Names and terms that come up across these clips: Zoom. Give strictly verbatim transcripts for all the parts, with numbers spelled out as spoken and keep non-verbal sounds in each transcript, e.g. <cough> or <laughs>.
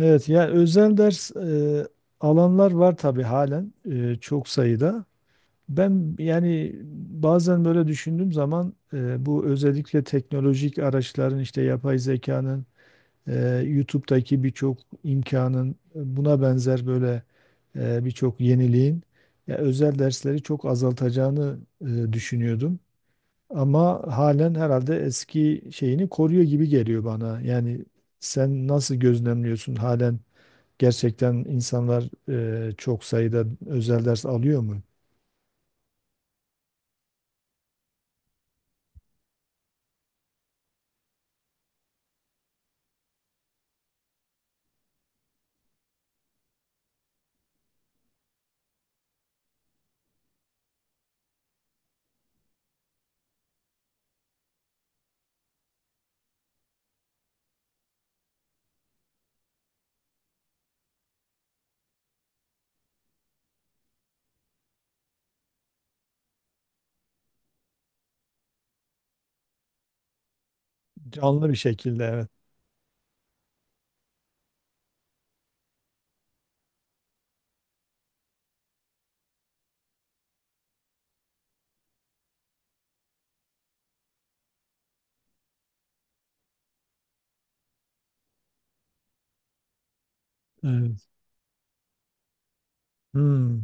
Evet, yani özel ders e, alanlar var tabii halen e, çok sayıda. Ben yani bazen böyle düşündüğüm zaman e, bu özellikle teknolojik araçların işte yapay zekanın, e, YouTube'daki birçok imkanın e, buna benzer böyle e, birçok yeniliğin ya özel dersleri çok azaltacağını e, düşünüyordum. Ama halen herhalde eski şeyini koruyor gibi geliyor bana. Yani sen nasıl gözlemliyorsun halen? Gerçekten insanlar e, çok sayıda özel ders alıyor mu? Canlı bir şekilde, evet. Evet. Hmm.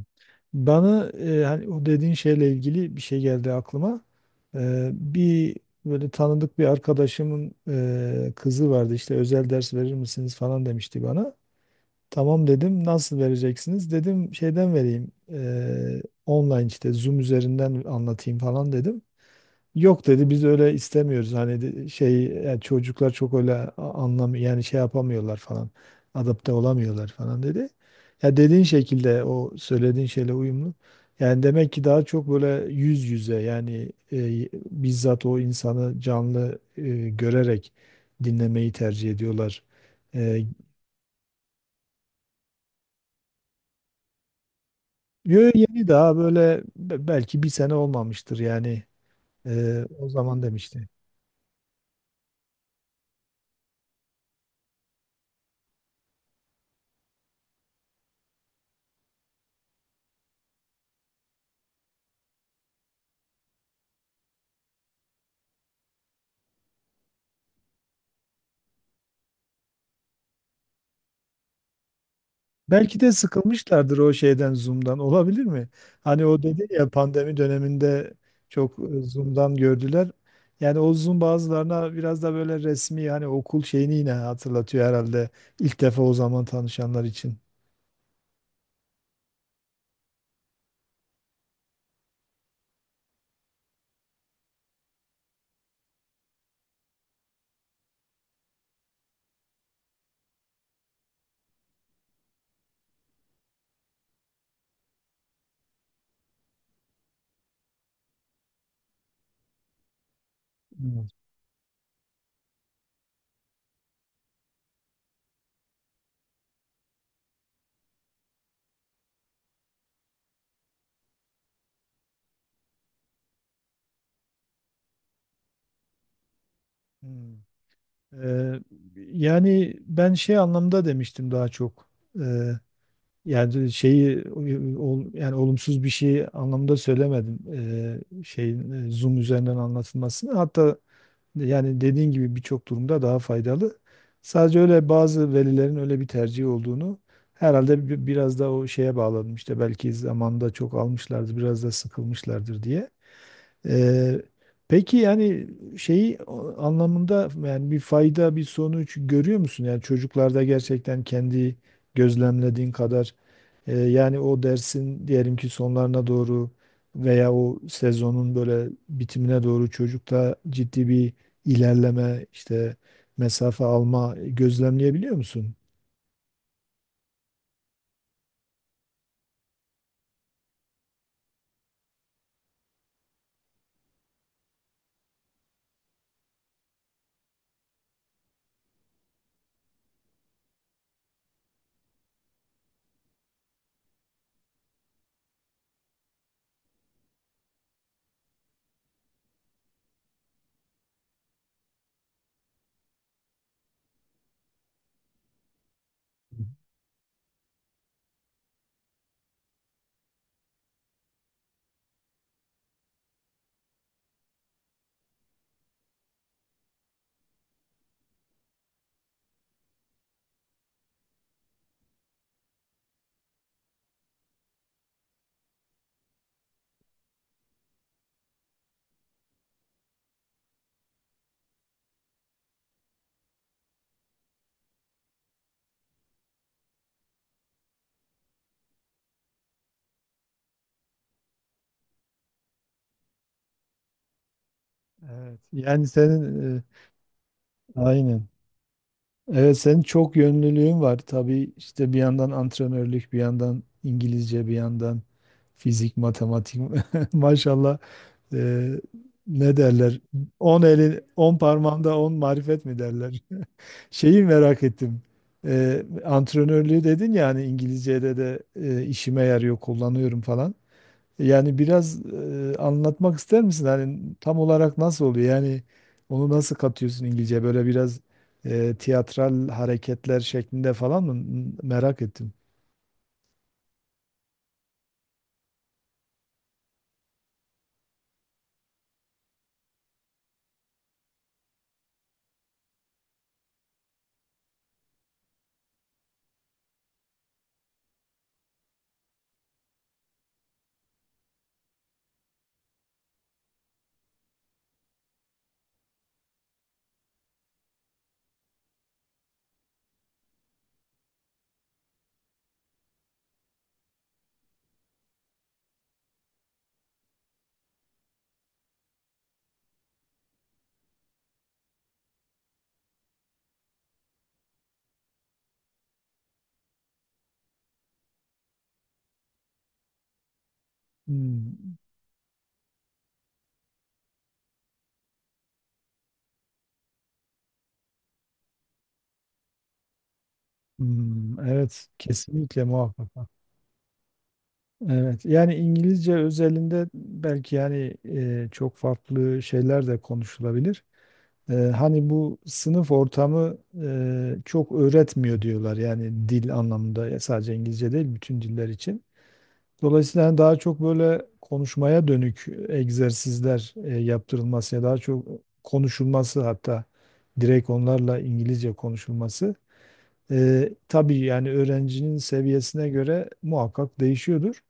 Bana e, hani o dediğin şeyle ilgili bir şey geldi aklıma. E, bir böyle tanıdık bir arkadaşımın e, kızı vardı, işte özel ders verir misiniz falan demişti bana. Tamam dedim, nasıl vereceksiniz dedim, şeyden vereyim e, online işte Zoom üzerinden anlatayım falan dedim. Yok dedi, biz öyle istemiyoruz, hani de- şey yani çocuklar çok öyle a- anlam yani şey yapamıyorlar falan, adapte olamıyorlar falan dedi. Ya dediğin şekilde o söylediğin şeyle uyumlu. Yani demek ki daha çok böyle yüz yüze, yani e, bizzat o insanı canlı e, görerek dinlemeyi tercih ediyorlar. E, Yo, yeni daha böyle be- belki bir sene olmamıştır yani. E, o zaman demişti. Belki de sıkılmışlardır o şeyden, Zoom'dan. Olabilir mi? Hani o dedi ya, pandemi döneminde çok e, Zoom'dan gördüler. Yani o Zoom bazılarına biraz da böyle resmi, hani okul şeyini yine hatırlatıyor herhalde. İlk defa o zaman tanışanlar için. Hmm. Hmm. Ee, Yani ben şey anlamda demiştim daha çok. Ee, Yani şeyi e, ol- yani olumsuz bir şey anlamda söylemedim. Ee, şeyin e, Zoom üzerinden anlatılmasını. Hatta, yani dediğin gibi birçok durumda daha faydalı. Sadece öyle bazı velilerin öyle bir tercihi olduğunu herhalde bi- biraz da o şeye bağladım, işte belki zamanında çok almışlardır, biraz da sıkılmışlardır diye. Ee, peki yani şeyi o- anlamında, yani bir fayda, bir sonuç görüyor musun? Yani çocuklarda gerçekten kendi gözlemlediğin kadar e, yani o dersin diyelim ki sonlarına doğru veya o sezonun böyle bitimine doğru çocukta ciddi bir ilerleme, işte mesafe alma gözlemleyebiliyor musun? Evet. Yani senin e, aynen. Evet, senin çok yönlülüğün var. Tabii işte bir yandan antrenörlük, bir yandan İngilizce, bir yandan fizik, matematik. <laughs> Maşallah, e, ne derler? On elin on parmağında on marifet mi derler? <laughs> Şeyi merak ettim. E, antrenörlüğü dedin ya, hani İngilizce'de de e, işime yarıyor, kullanıyorum falan. Yani biraz e, anlatmak ister misin? Hani tam olarak nasıl oluyor? Yani onu nasıl katıyorsun İngilizce? Böyle biraz e, tiyatral hareketler şeklinde falan mı? Merak ettim. Hmm, hmm, evet, kesinlikle muhakkak. Evet, yani İngilizce özelinde belki yani e, çok farklı şeyler de konuşulabilir. E, hani bu sınıf ortamı e, çok öğretmiyor diyorlar, yani dil anlamında, ya sadece İngilizce değil bütün diller için. Dolayısıyla hani daha çok böyle konuşmaya dönük egzersizler e, yaptırılması ya daha çok konuşulması, hatta direkt onlarla İngilizce konuşulması. E, tabii yani öğrencinin seviyesine göre muhakkak değişiyordur.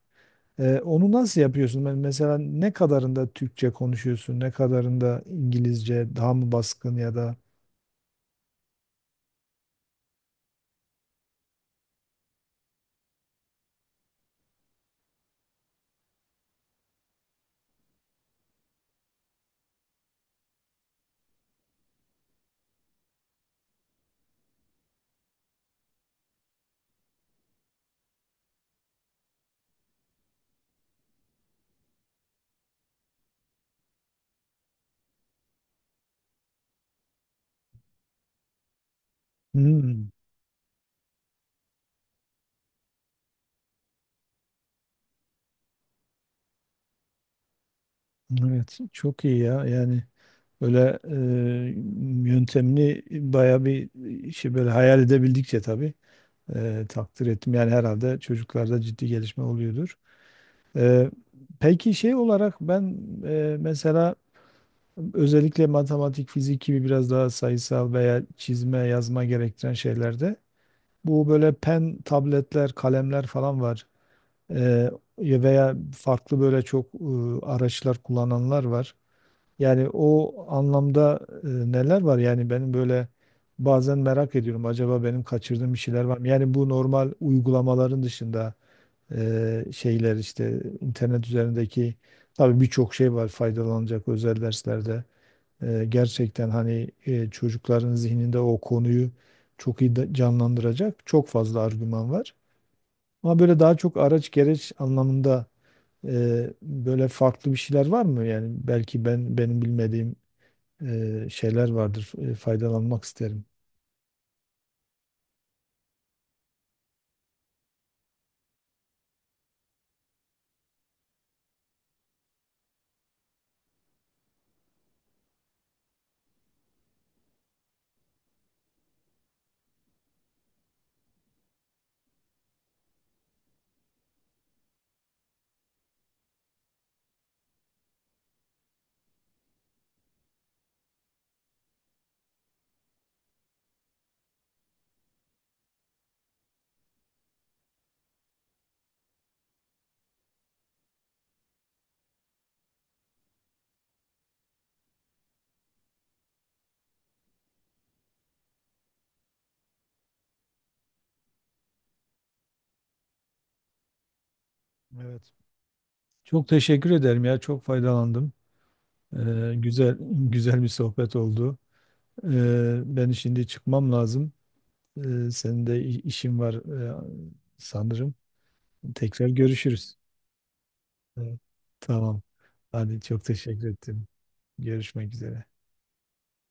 Ee, onu nasıl yapıyorsun? Ben mesela ne kadarında Türkçe konuşuyorsun, ne kadarında İngilizce daha mı baskın ya da. Hmm, evet, çok iyi ya, yani böyle e, yöntemli baya bir şey, böyle hayal edebildikçe tabii e, takdir ettim, yani herhalde çocuklarda ciddi gelişme oluyordur. E, peki şey olarak ben e, mesela özellikle matematik, fizik gibi biraz daha sayısal veya çizme, yazma gerektiren şeylerde. Bu böyle pen tabletler, kalemler falan var. Ee, Veya farklı böyle çok e, araçlar kullananlar var. Yani o anlamda e, neler var? Yani benim böyle bazen merak ediyorum. Acaba benim kaçırdığım bir şeyler var mı? Yani bu normal uygulamaların dışında e, şeyler işte internet üzerindeki tabii birçok şey var faydalanacak özel derslerde. E, gerçekten hani e, çocukların zihninde o konuyu çok iyi de- canlandıracak çok fazla argüman var. Ama böyle daha çok araç gereç anlamında e, böyle farklı bir şeyler var mı? Yani belki ben benim bilmediğim e, şeyler vardır. E, faydalanmak isterim. Evet. Çok teşekkür ederim ya. Çok faydalandım. Ee, güzel güzel bir sohbet oldu. Ee, ben şimdi çıkmam lazım. Ee, senin de i- işin var ee, sanırım. Tekrar görüşürüz. Evet. Tamam. Hadi, çok teşekkür ettim. Görüşmek üzere.